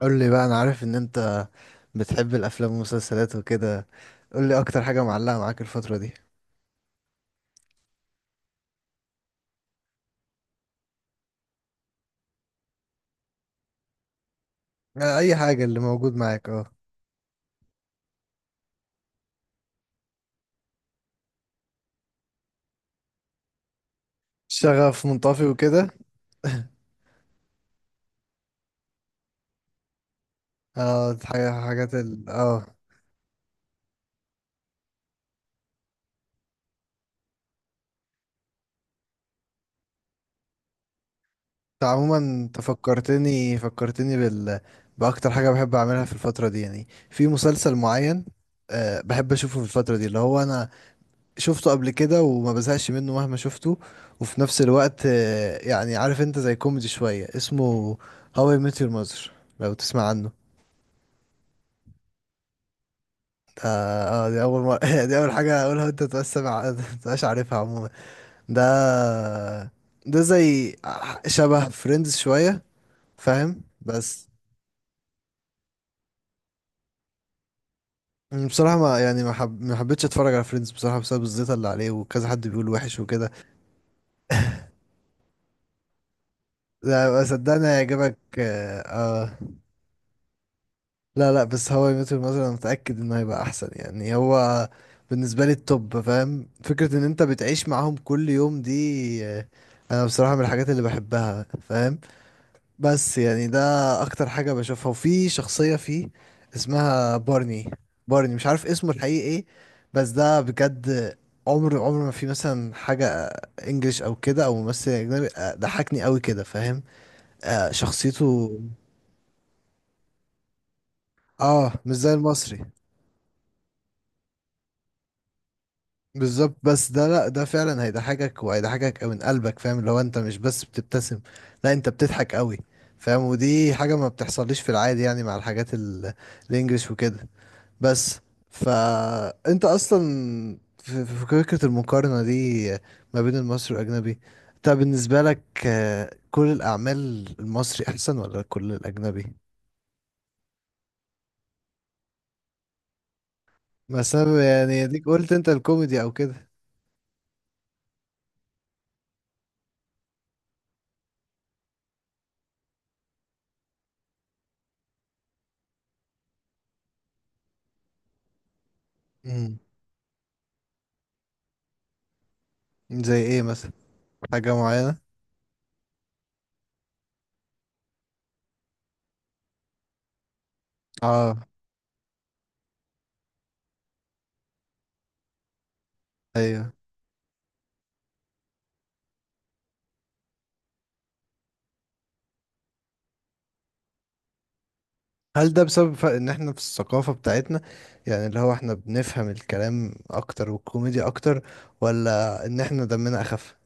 قول لي بقى، انا عارف ان انت بتحب الافلام والمسلسلات وكده. قول لي اكتر حاجه معلقه معاك الفتره دي. آه، اي حاجه اللي موجود معاك. اه شغف منطفي وكده. اه حاجات ال اه انت عموما، فكرتني باكتر حاجه بحب اعملها في الفتره دي، يعني في مسلسل معين. بحب اشوفه في الفتره دي، اللي هو انا شفته قبل كده وما بزهقش منه مهما شفته. وفي نفس الوقت، يعني عارف انت زي كوميدي شوية اسمه هاو اي ميت يور ماذر. لو تسمع عنه. ده اه دي اول مرة. دي اول حاجة اقولها انت تبقاش سامع. تبقاش عارفها عموما. ده زي شبه فريندز شوية، فاهم بس. بصراحة ما يعني ما, حب... ما حبيتش اتفرج على فريندز بصراحة، بسبب الزيطة اللي عليه وكذا حد بيقول وحش وكده. لا، صدقني هيعجبك، اه. آه. لا، لا، بس هو مثلا متأكد انه هيبقى احسن، يعني هو بالنسبة لي التوب. فاهم فكرة ان انت بتعيش معاهم كل يوم دي، انا بصراحة من الحاجات اللي بحبها، فاهم. بس يعني ده اكتر حاجة بشوفها. وفي شخصية فيه اسمها بارني. بارني مش عارف اسمه الحقيقي ايه، بس ده بجد، عمر عمر ما في مثلا حاجة انجليش او كده او ممثل اجنبي، ضحكني قوي كده، فاهم. شخصيته. اه، مش زي المصري بالظبط. بس ده، لا، ده فعلا هيضحكك وهيضحكك من قلبك، فاهم؟ اللي هو انت مش بس بتبتسم، لا، انت بتضحك قوي. فاهم؟ ودي حاجة ما بتحصليش في العادي، يعني مع الحاجات الانجليش وكده بس. فانت اصلا، في فكرة المقارنة دي ما بين المصري والاجنبي، انت بالنسبة لك، كل الاعمال المصري احسن ولا كل الاجنبي؟ مثلا يعني ديك، قلت انت الكوميدي او كده. امم زي ايه مثلا؟ حاجة معينة؟ اه، ايوه. هل ده بسبب ان احنا في الثقافة بتاعتنا، يعني اللي هو احنا بنفهم الكلام اكتر والكوميديا اكتر، ولا ان احنا دمنا اخف؟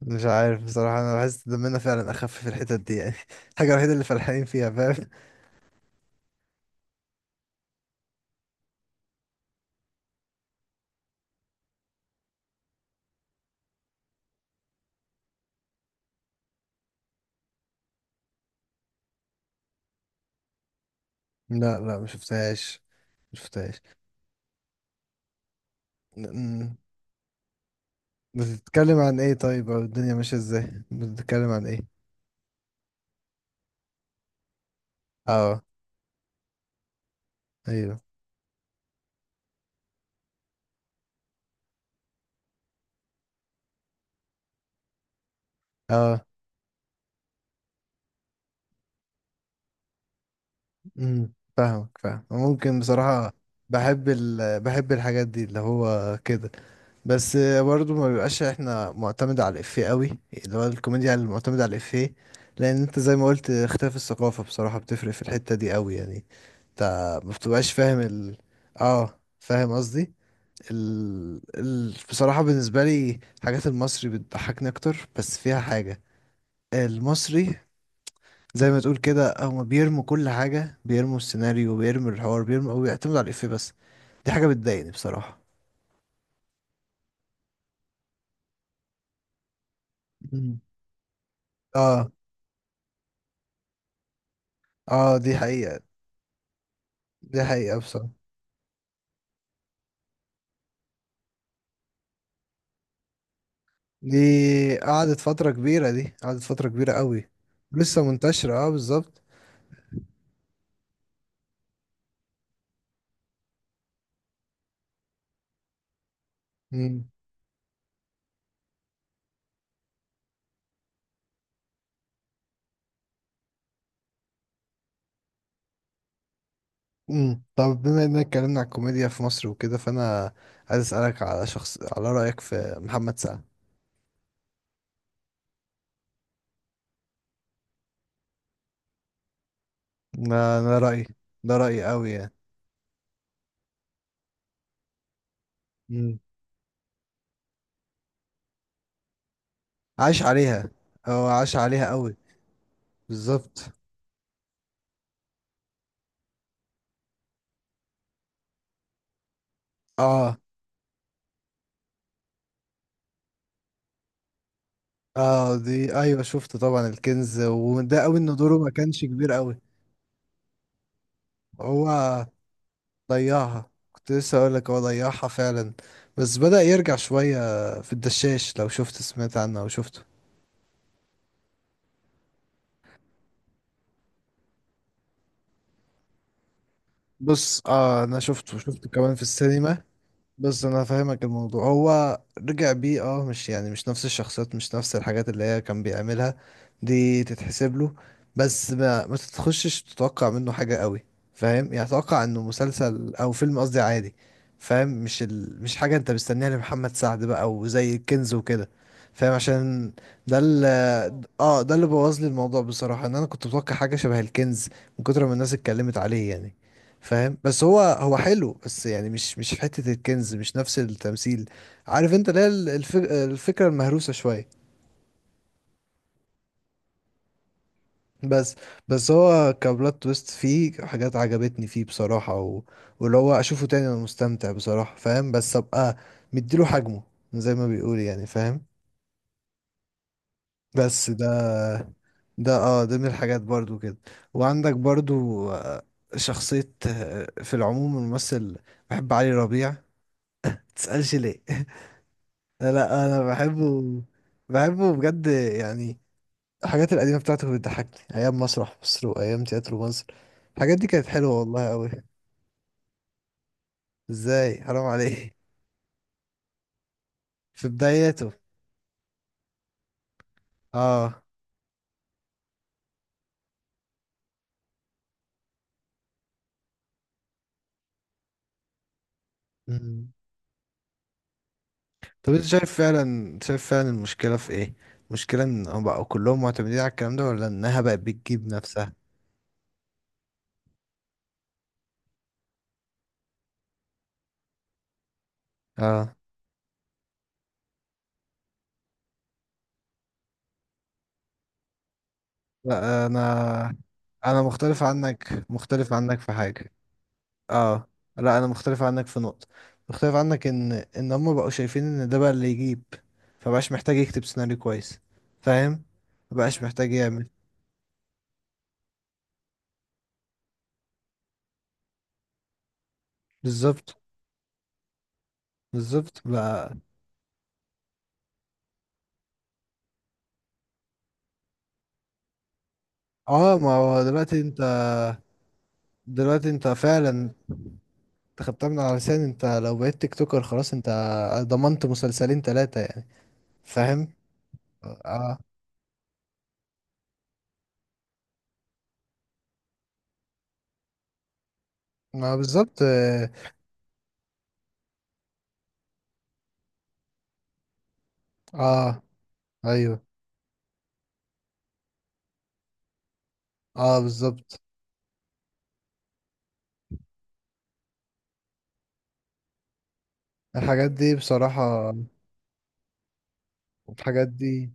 مش عارف بصراحة، انا بحس دمنا فعلا اخف في الحتت دي يعني. الحاجة الوحيدة اللي فالحين فيها، فاهم. لا، لا، مشفتهاش. مشفتهاش. م- م. بتتكلم عن ايه طيب؟ او الدنيا ماشية ازاي، بتتكلم عن ايه؟ اه، ايوه. اه. فاهمك، فاهم. ممكن بصراحة. بحب الحاجات دي اللي هو كده. بس برضه ما بيبقاش احنا معتمد على الإفيه قوي، اللي هو الكوميديا اللي معتمدة على الإفيه. لأن انت زي ما قلت، اختلاف الثقافة بصراحة بتفرق في الحتة دي قوي يعني. انت ما بتبقاش فاهم اه، فاهم قصدي. بصراحة بالنسبة لي حاجات المصري بتضحكني أكتر، بس فيها حاجة. المصري زي ما تقول كده، هما بيرموا كل حاجة، بيرموا السيناريو، بيرموا الحوار، بيرموا أو بيعتمدوا على الإفيه بس. دي حاجة بتضايقني بصراحة. مم. اه، اه، دي حقيقة. دي حقيقة بصراحة. دي دي قعدت فترة كبيرة قوي. لسه منتشرة، اه، بالظبط. مم. مم. طب بما اننا اتكلمنا على الكوميديا في مصر وكده، فانا عايز اسألك على رأيك في محمد سعد. ده انا رأيي، ده رأيي قوي يعني. مم. عاش عليها. هو عاش عليها قوي. بالظبط. اه، اه، دي ايوه شفت طبعا الكنز، وده قوي ان دوره ما كانش كبير قوي. هو ضيعها. كنت لسه اقول لك هو ضيعها فعلا. بس بدأ يرجع شوية في الدشاش، لو شفت سمعت عنه او شفته. بص، انا شفته كمان في السينما. بس انا فاهمك، الموضوع هو رجع بيه، مش يعني، مش نفس الشخصيات، مش نفس الحاجات اللي هي كان بيعملها. دي تتحسب له. بس ما تتخشش تتوقع منه حاجة قوي. فاهم يعني؟ اتوقع انه مسلسل او فيلم، قصدي عادي. فاهم. مش حاجة انت مستنيها لمحمد سعد بقى وزي الكنز وكده. فاهم، عشان ده اه، ده اللي بوظ لي الموضوع بصراحة، ان انا كنت متوقع حاجة شبه الكنز من كتر ما الناس اتكلمت عليه يعني. فاهم. بس هو حلو، بس يعني مش حتة الكنز، مش نفس التمثيل. عارف انت اللي هي الفكرة المهروسة شوية. بس هو كبلوت تويست، فيه حاجات عجبتني فيه بصراحة، واللي هو اشوفه تاني انا مستمتع بصراحة، فاهم. بس ابقى مديله حجمه، زي ما بيقول يعني، فاهم. بس ده، ده من الحاجات برضو كده. وعندك برضو، شخصية، في العموم الممثل بحب علي ربيع. متسألش ليه. لا، انا بحبه. بحبه بجد يعني، الحاجات القديمه بتاعته بتضحكني، ايام مسرح مصر وايام تياترو مصر. الحاجات دي كانت حلوه والله قوي. ازاي؟ حرام عليه. في بداياته. اه. مم. طب انت شايف فعلا المشكله في ايه؟ المشكله ان هم بقوا كلهم معتمدين على الكلام ده، ولا انها بقت بتجيب نفسها؟ اه، لا، انا مختلف عنك في حاجه. اه، لا، انا مختلف عنك في نقطة، مختلف عنك ان هم بقوا شايفين ان ده بقى اللي يجيب، فبقاش محتاج يكتب سيناريو كويس. فاهم. مبقاش محتاج يعمل. بالظبط. بالظبط بقى، اه. ما هو دلوقتي انت فعلا. انت خدتها من على لسان. انت لو بقيت تيك توكر خلاص، انت ضمنت مسلسلين ثلاثة يعني. فاهم. اه، ما بالظبط، اه، آه، ايوه، اه، بالظبط. الحاجات دي بصراحة، الحاجات دي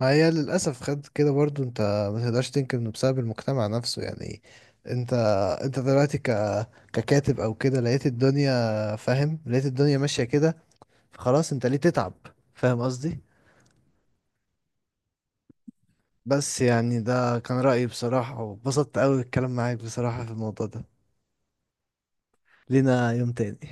ما هي للأسف، خد كده برضو انت، ما تقدرش تنكر انه بسبب المجتمع نفسه يعني. انت، دلوقتي ككاتب او كده، لقيت الدنيا، فاهم. لقيت الدنيا ماشية كده، خلاص انت ليه تتعب؟ فاهم قصدي. بس يعني ده كان رأيي بصراحة، وبسطت قوي الكلام معاك بصراحة في الموضوع ده. لينا يوم تاني.